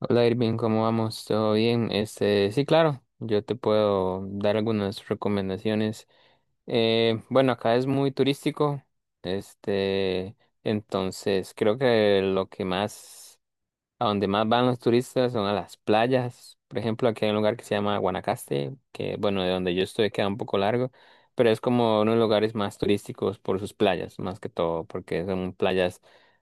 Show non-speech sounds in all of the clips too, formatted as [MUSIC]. Hola Irving, ¿cómo vamos? ¿Todo bien? Sí, claro, yo te puedo dar algunas recomendaciones. Bueno, acá es muy turístico, este, entonces creo que lo que más a donde más van los turistas son a las playas. Por ejemplo, aquí hay un lugar que se llama Guanacaste, que bueno, de donde yo estoy queda un poco largo, pero es como uno de los lugares más turísticos por sus playas, más que todo, porque son playas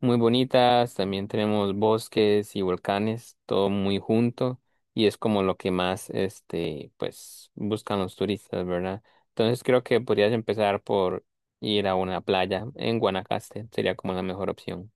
muy bonitas. También tenemos bosques y volcanes, todo muy junto, y es como lo que más, pues, buscan los turistas, ¿verdad? Entonces creo que podrías empezar por ir a una playa en Guanacaste, sería como la mejor opción.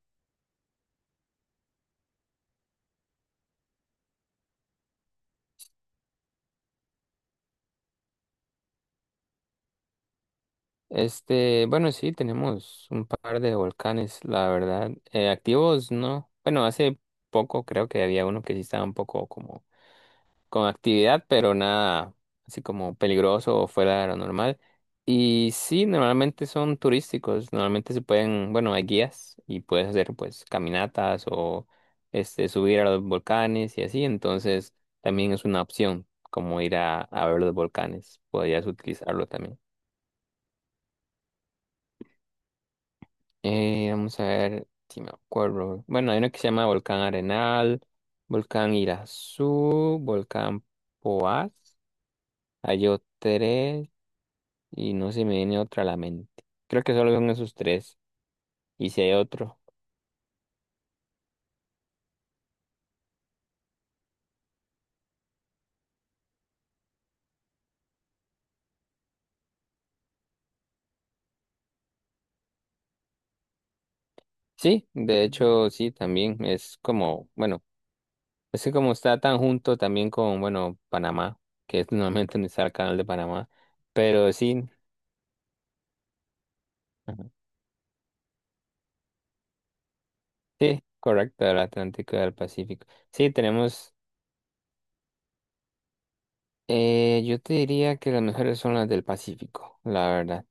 Bueno, sí, tenemos un par de volcanes, la verdad. Activos, no. Bueno, hace poco creo que había uno que sí estaba un poco como con actividad, pero nada así como peligroso o fuera de lo normal. Y sí, normalmente son turísticos, normalmente se pueden, bueno, hay guías y puedes hacer pues caminatas o subir a los volcanes y así, entonces también es una opción como ir a ver los volcanes, podrías utilizarlo también. Vamos a ver si me acuerdo. Bueno, hay uno que se llama Volcán Arenal, Volcán Irazú, Volcán Poás. Hay tres y no se me viene otra a la mente. Creo que solo son esos tres. Y si hay otro. Sí, de hecho, sí, también es como, bueno, es que como está tan junto también con, bueno, Panamá, que es [LAUGHS] normalmente donde está el canal de Panamá. Pero sí, ajá, sí, correcto, el Atlántico y el Pacífico. Sí, tenemos. Yo te diría que las mejores son las del Pacífico, la verdad.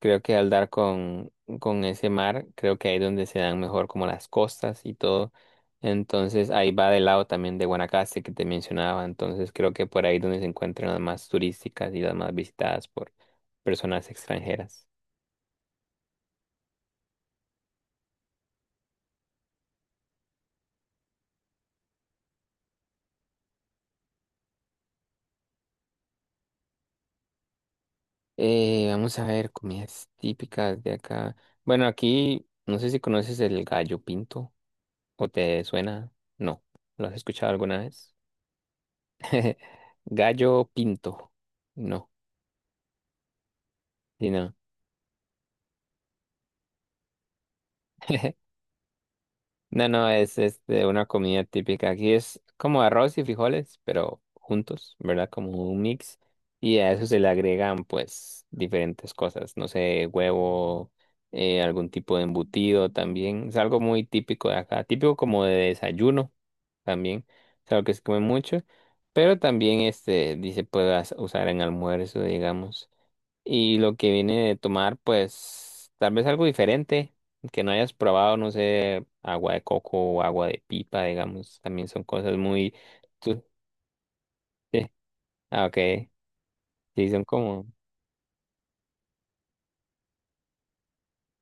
Creo que al dar con ese mar, creo que ahí es donde se dan mejor como las costas y todo. Entonces ahí va del lado también de Guanacaste que te mencionaba. Entonces creo que por ahí es donde se encuentran las más turísticas y las más visitadas por personas extranjeras. Vamos a ver comidas típicas de acá. Bueno, aquí no sé si conoces el gallo pinto o te suena. No, ¿lo has escuchado alguna vez? [LAUGHS] Gallo pinto. No, sí, no. [LAUGHS] No, no, es una comida típica. Aquí es como arroz y frijoles, pero juntos, ¿verdad? Como un mix. Y a eso se le agregan, pues, diferentes cosas. No sé, huevo, algún tipo de embutido también. Es algo muy típico de acá. Típico como de desayuno también. Es algo que se come mucho. Pero también, dice, puedas usar en almuerzo, digamos. Y lo que viene de tomar, pues tal vez algo diferente, que no hayas probado, no sé, agua de coco o agua de pipa, digamos, también son cosas muy... [LAUGHS] tú- eh, ah, ok, sí, son como...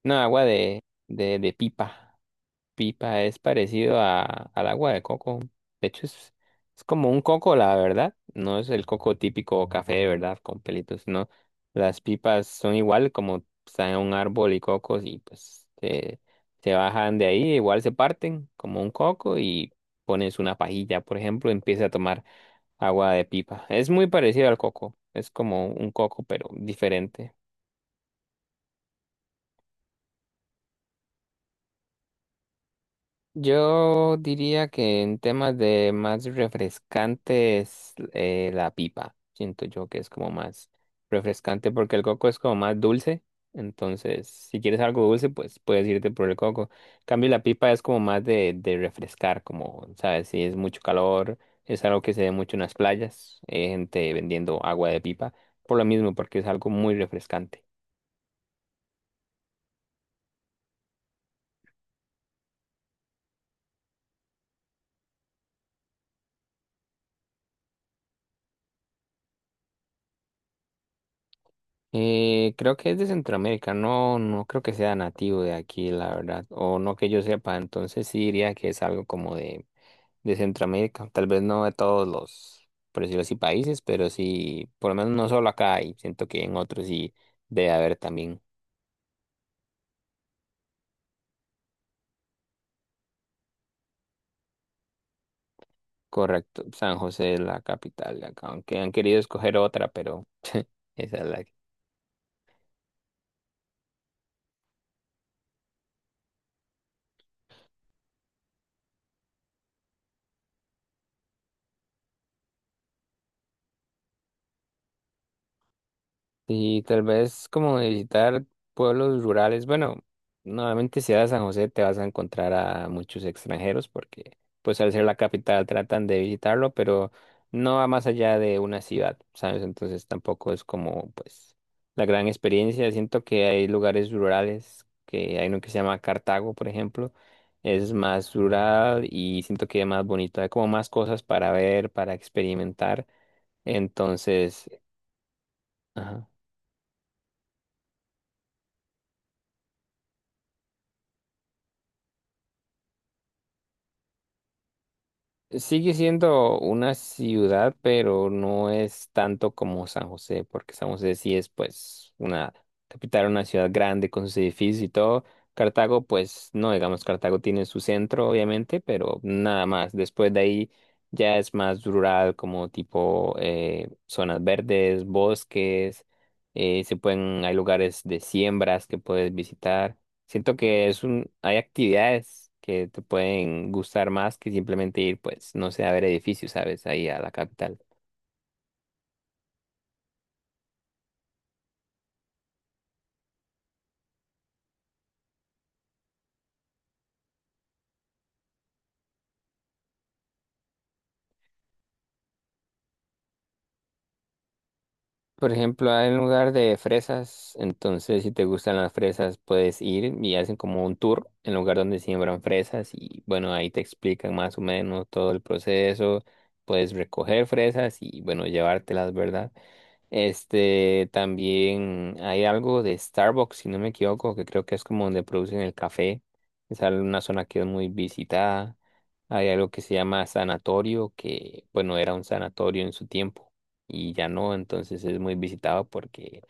No, agua de pipa. Pipa es parecido al agua de coco. De hecho, es como un coco, la verdad. No es el coco típico café de verdad con pelitos, no. Las pipas son igual como están en un árbol y cocos y pues se bajan de ahí, igual se parten como un coco y pones una pajilla, por ejemplo, y empieza a tomar agua de pipa. Es muy parecido al coco. Es como un coco, pero diferente. Yo diría que en temas de más refrescantes, la pipa. Siento yo que es como más refrescante porque el coco es como más dulce. Entonces, si quieres algo dulce, pues puedes irte por el coco. En cambio, la pipa es como más de refrescar, como, ¿sabes? Si es mucho calor, es algo que se ve mucho en las playas. Hay gente vendiendo agua de pipa por lo mismo, porque es algo muy refrescante. Creo que es de Centroamérica, no, no creo que sea nativo de aquí, la verdad, o no que yo sepa, entonces sí diría que es algo como de Centroamérica, tal vez no de todos los, por decirlo así, países, pero sí, por lo menos no solo acá, y siento que en otros sí debe haber también. Correcto, San José es la capital de acá, aunque han querido escoger otra, pero [LAUGHS] esa es la. Y tal vez como visitar pueblos rurales, bueno, normalmente si vas a San José te vas a encontrar a muchos extranjeros porque pues al ser la capital tratan de visitarlo, pero no va más allá de una ciudad, ¿sabes? Entonces tampoco es como pues la gran experiencia. Siento que hay lugares rurales, que hay uno que se llama Cartago, por ejemplo, es más rural y siento que es más bonito, hay como más cosas para ver, para experimentar. Entonces, ajá. Sigue siendo una ciudad, pero no es tanto como San José, porque San José sí es pues una capital, una ciudad grande con sus edificios y todo. Cartago, pues no, digamos, Cartago tiene su centro, obviamente, pero nada más. Después de ahí ya es más rural, como tipo zonas verdes, bosques, se pueden, hay lugares de siembras que puedes visitar. Siento que es un, hay actividades que te pueden gustar más que simplemente ir, pues, no sé, a ver edificios, ¿sabes? Ahí a la capital. Por ejemplo, hay un lugar de fresas, entonces si te gustan las fresas, puedes ir y hacen como un tour en lugar donde siembran fresas y bueno, ahí te explican más o menos todo el proceso, puedes recoger fresas y bueno, llevártelas, ¿verdad? También hay algo de Starbucks, si no me equivoco, que creo que es como donde producen el café. Es al- una zona que es muy visitada. Hay algo que se llama sanatorio, que bueno, era un sanatorio en su tiempo y ya no, entonces es muy visitado porque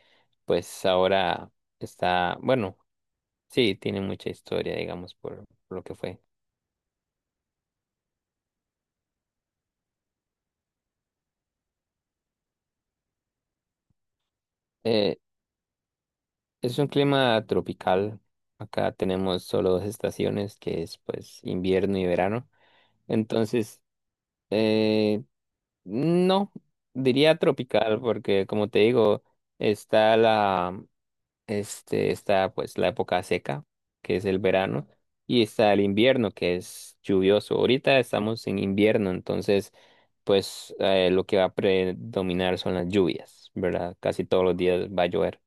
pues ahora está, bueno, sí, tiene mucha historia, digamos, por lo que fue. Eh, es un clima tropical. Acá tenemos solo dos estaciones, que es pues invierno y verano. Entonces, eh, no, diría tropical, porque como te digo, está está pues la época seca, que es el verano, y está el invierno, que es lluvioso. Ahorita estamos en invierno, entonces, pues lo que va a predominar son las lluvias, ¿verdad? Casi todos los días va a llover.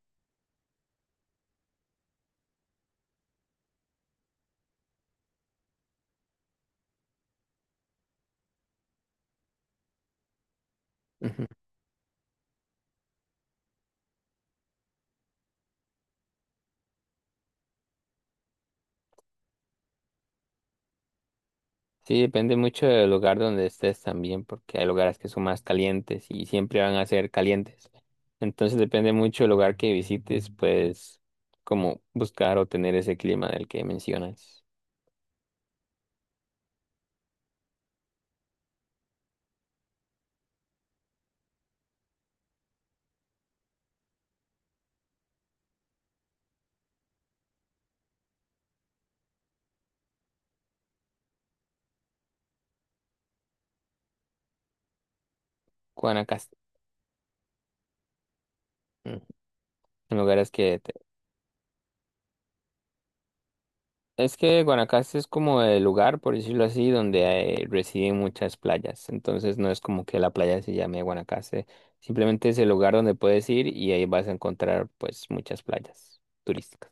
Sí, depende mucho del lugar donde estés también, porque hay lugares que son más calientes y siempre van a ser calientes. Entonces depende mucho del lugar que visites, pues, como buscar o tener ese clima del que mencionas. Guanacaste. Mm. Son lugares que... te- Es que Guanacaste es como el lugar, por decirlo así, donde hay- residen muchas playas. Entonces no es como que la playa se llame Guanacaste. Simplemente es el lugar donde puedes ir y ahí vas a encontrar, pues, muchas playas turísticas.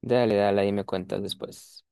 Dale, dale, ahí me cuentas después.